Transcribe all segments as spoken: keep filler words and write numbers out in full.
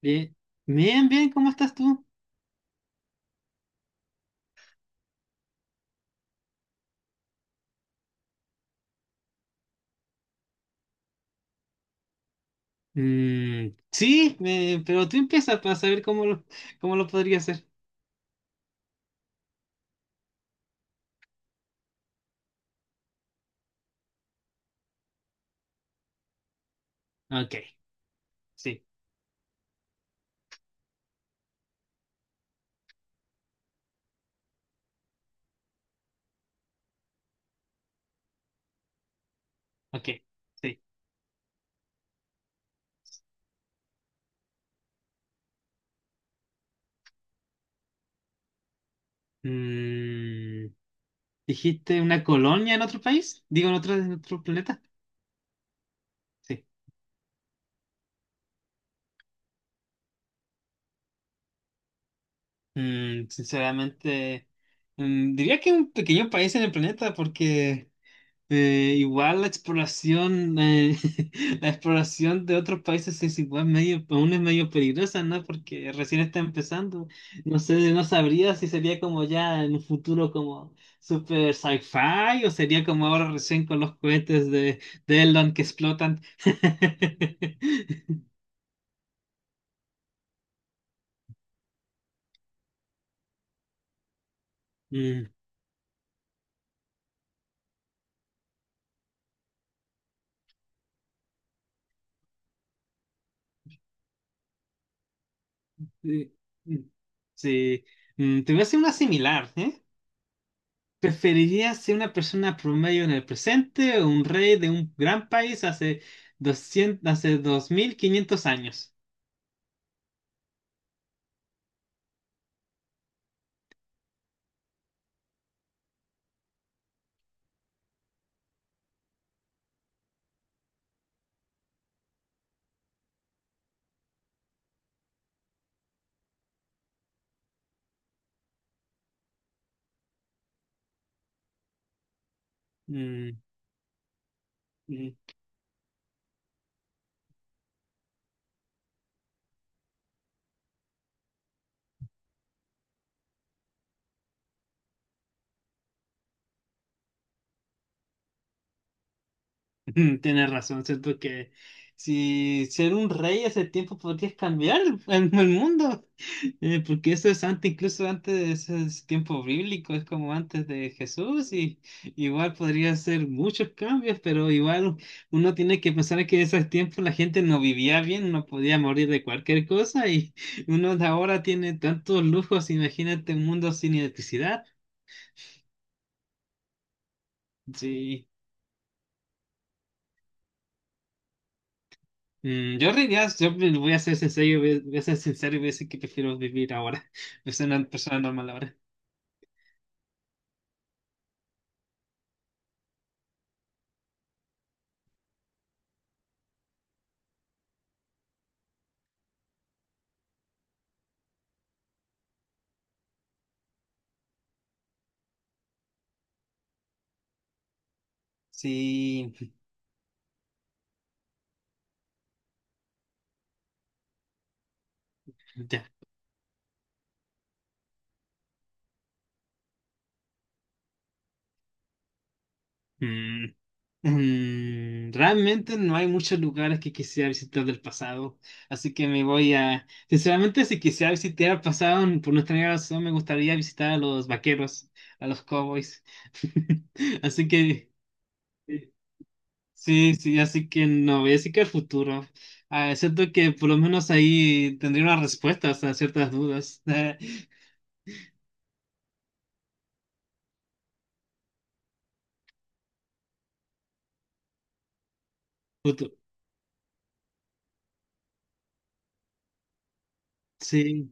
Bien, bien, bien, ¿cómo estás tú? Mm, sí, me- pero tú empieza para saber cómo lo, cómo lo podría hacer. Ok, sí, ok, sí. Mm, ¿Dijiste una colonia en otro país? Digo, en otro, en otro planeta. Sí. Mm, sinceramente, mm, diría que un pequeño país en el planeta porque. Eh, igual la exploración, eh, la exploración de otros países es igual medio, aún es medio peligrosa, ¿no? Porque recién está empezando. No sé, no sabría si sería como ya en un futuro como super sci-fi o sería como ahora recién con los cohetes de, de, Elon que explotan. Mm, sí, mm, sí. Mm, te voy a hacer una similar, ¿eh? ¿Preferirías ser una persona promedio en el presente o un rey de un gran país hace doscientos hace dos mil quinientos años? Mm, mm, tienes razón, siento que si ser un rey hace tiempo podrías cambiar el, el mundo. Eh, porque eso es antes, incluso antes de ese tiempo bíblico, es como antes de Jesús, y igual podría hacer muchos cambios, pero igual uno tiene que pensar que en ese tiempo la gente no vivía bien, no podía morir de cualquier cosa, y uno de ahora tiene tantos lujos, imagínate un mundo sin electricidad. Sí. Mm, yo realidad, yo me- voy a ser sincero, voy a voy a ser sincero y voy a decir que prefiero vivir ahora, ser una persona normal ahora. Sí, ya. Mm. Mm, realmente no hay muchos lugares que quisiera visitar del pasado, así que me voy a... sinceramente, si quisiera visitar el pasado, por nuestra razón, me gustaría visitar a los vaqueros, a los cowboys. Así que, sí, sí, así que no, voy a decir que el futuro. Ah, siento que por lo menos ahí tendría unas respuestas a ciertas dudas. futuro. Sí.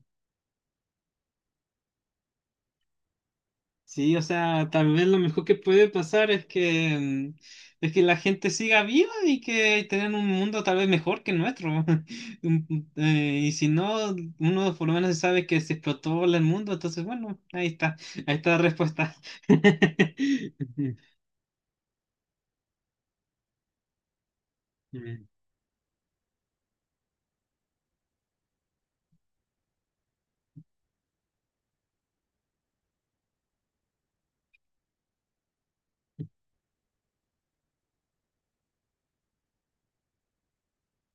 Sí, o sea, tal vez lo mejor que puede pasar es que, mm, es que la gente siga viva y que tengan un mundo tal vez mejor que el nuestro. Un- eh, y si no, uno por lo menos sabe que se explotó el mundo, entonces bueno, ahí está, ahí está la respuesta. Mm,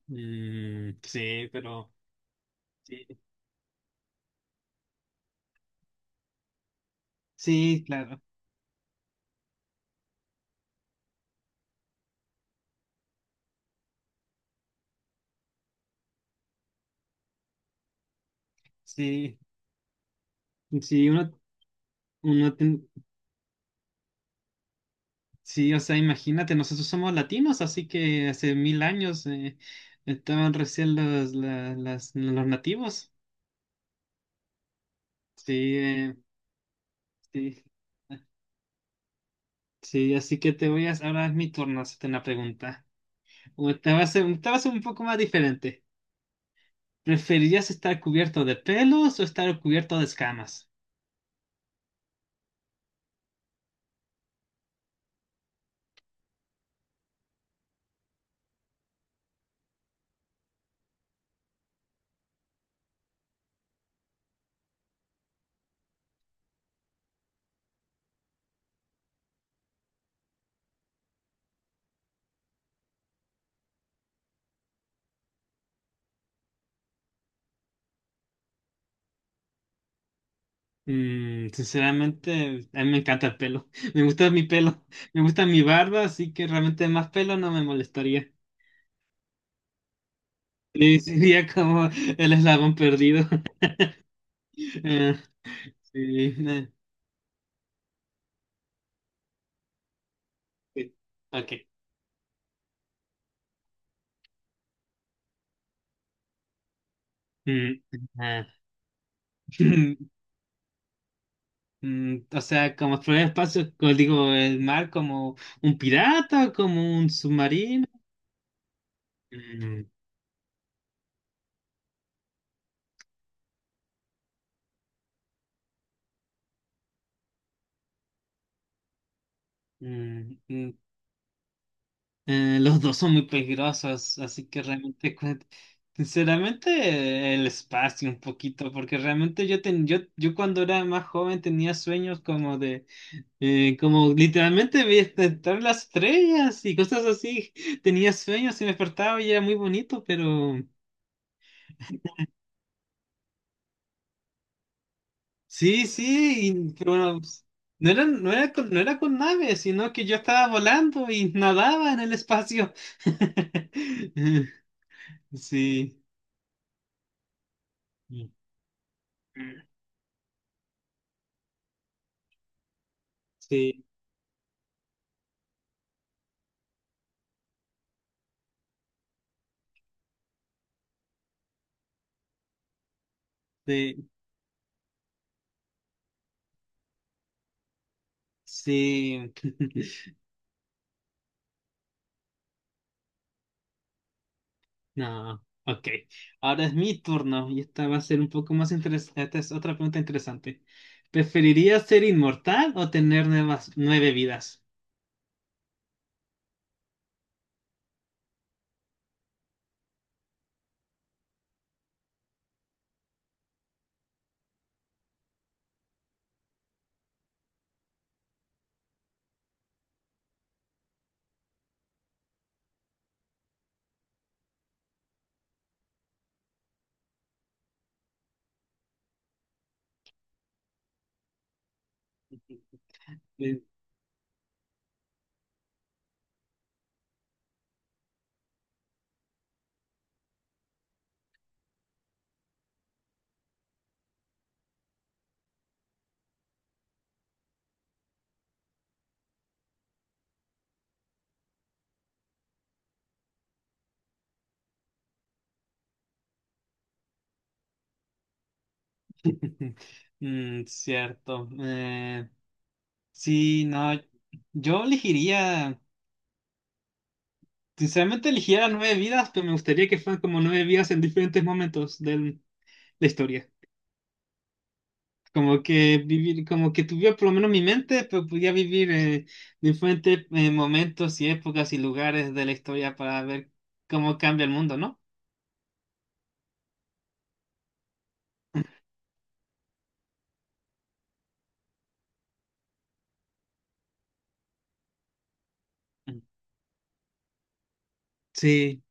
mm, sí, pero sí, sí, claro, sí, sí, uno, uno Sí, o sea, imagínate, nosotros somos latinos, así que hace mil años eh, estaban recién los, la- las- los nativos. Sí, eh, sí, sí, así que te voy a... ahora es mi turno hacerte una pregunta. O Te va a ser, te va a ser un poco más diferente. ¿Preferirías estar cubierto de pelos o estar cubierto de escamas? Mm, sinceramente, a mí me encanta el pelo. Me gusta mi pelo. Me gusta mi barba, así que realmente más pelo no me molestaría. Sí, sería como el eslabón perdido. Eh, sí, eh, sí. Ok. Mm, ah. Mm, o sea, como explorar el espacio, como digo, el mar como un pirata, como un submarino. Mm, mm, mm. Eh, los dos son muy peligrosos, así que realmente, cu- sinceramente, eh, el espacio un poquito, porque realmente yo, ten, yo, yo cuando era más joven tenía sueños como de. Eh, como literalmente vi estar las estrellas y cosas así. Tenía sueños y me despertaba y era muy bonito, pero sí, sí, y- pero bueno, pues, no era, no era con, no era con naves, sino que yo estaba volando y nadaba en el espacio. Sí. Sí, sí, sí. No, ok. Ahora es mi turno y esta va a ser un poco más interesante. Esta es otra pregunta interesante. ¿Preferirías ser inmortal o tener nuevas nueve vidas? Eh, mm, cierto. Eh, sí, no. Yo elegiría, sinceramente elegiría nueve vidas, pero me gustaría que fueran como nueve vidas en diferentes momentos de la historia. Como que vivir, como que tuviera por lo menos mi mente, pero podía vivir eh, diferentes eh, momentos y épocas y lugares de la historia para ver cómo cambia el mundo, ¿no? Sí,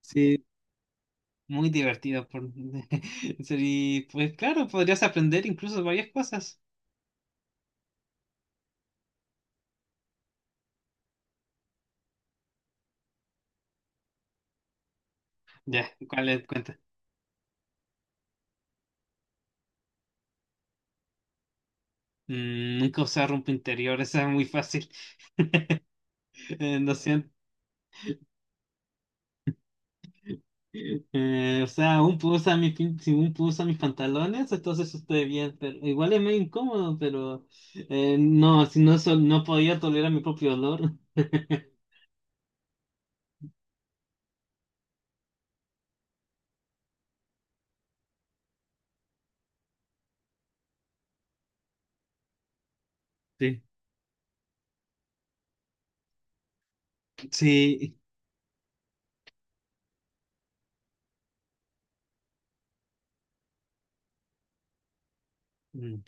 sí, Muy divertido. Por... Y pues claro, podrías aprender incluso varias cosas. Ya, ¿cuál es cuenta? Mm, nunca usar ropa interior, esa es muy fácil. Eh, lo siento. Eh, o sea, un puedo usar mis, pin- si un puedo usar mis pantalones, entonces estoy bien, pero igual es medio incómodo, pero eh, no, si no, sol- no podía tolerar mi propio olor. Sí. Sí, Mm.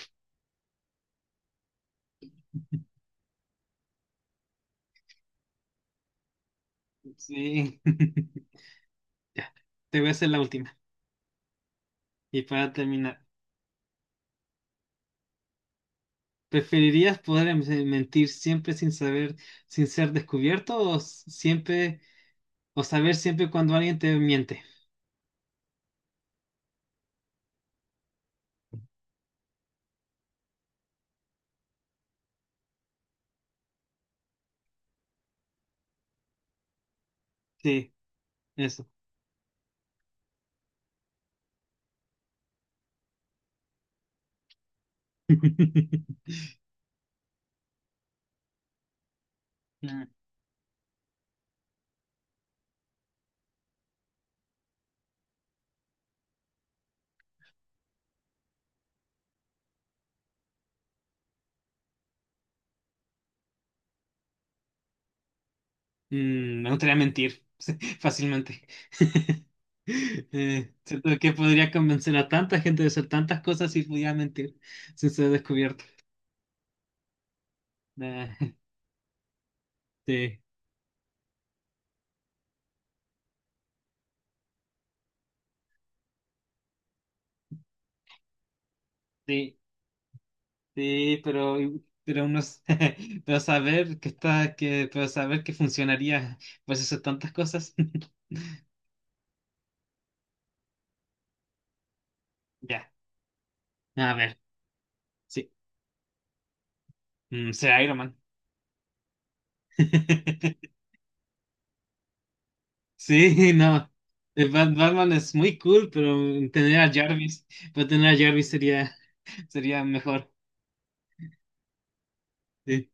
sí. Ya, te voy a hacer la última. Y para terminar, ¿preferirías poder em- mentir siempre sin saber, sin ser descubierto o s- siempre, o saber siempre cuando alguien te miente? Sí, eso. Mm, me gustaría mentir fácilmente. Eh, siento que podría convencer a tanta gente de hacer tantas cosas si pudiera mentir sin ser descubierto. Nah, sí, sí, sí, pero, pero uno, s- pero saber que está, que, pero saber que funcionaría pues hacer tantas cosas. Ya, a ver, sí, mm, será Iron Man. Sí, no. El Bat- Batman es muy cool, pero tener a Jarvis, pero tener a Jarvis sería Sería Mejor. Sí.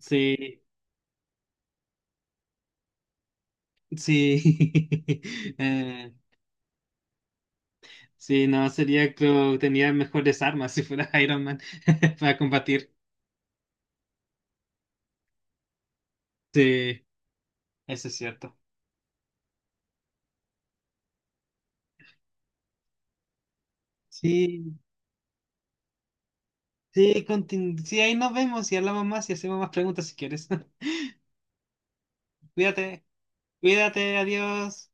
Sí, sí. Eh, sí, no, sería, creo, tenía mejores armas si fuera Iron Man para combatir. Sí, eso es cierto. Sí, sí, contin- sí, ahí nos vemos y hablamos más y hacemos más preguntas si quieres. Cuídate, cuídate, adiós.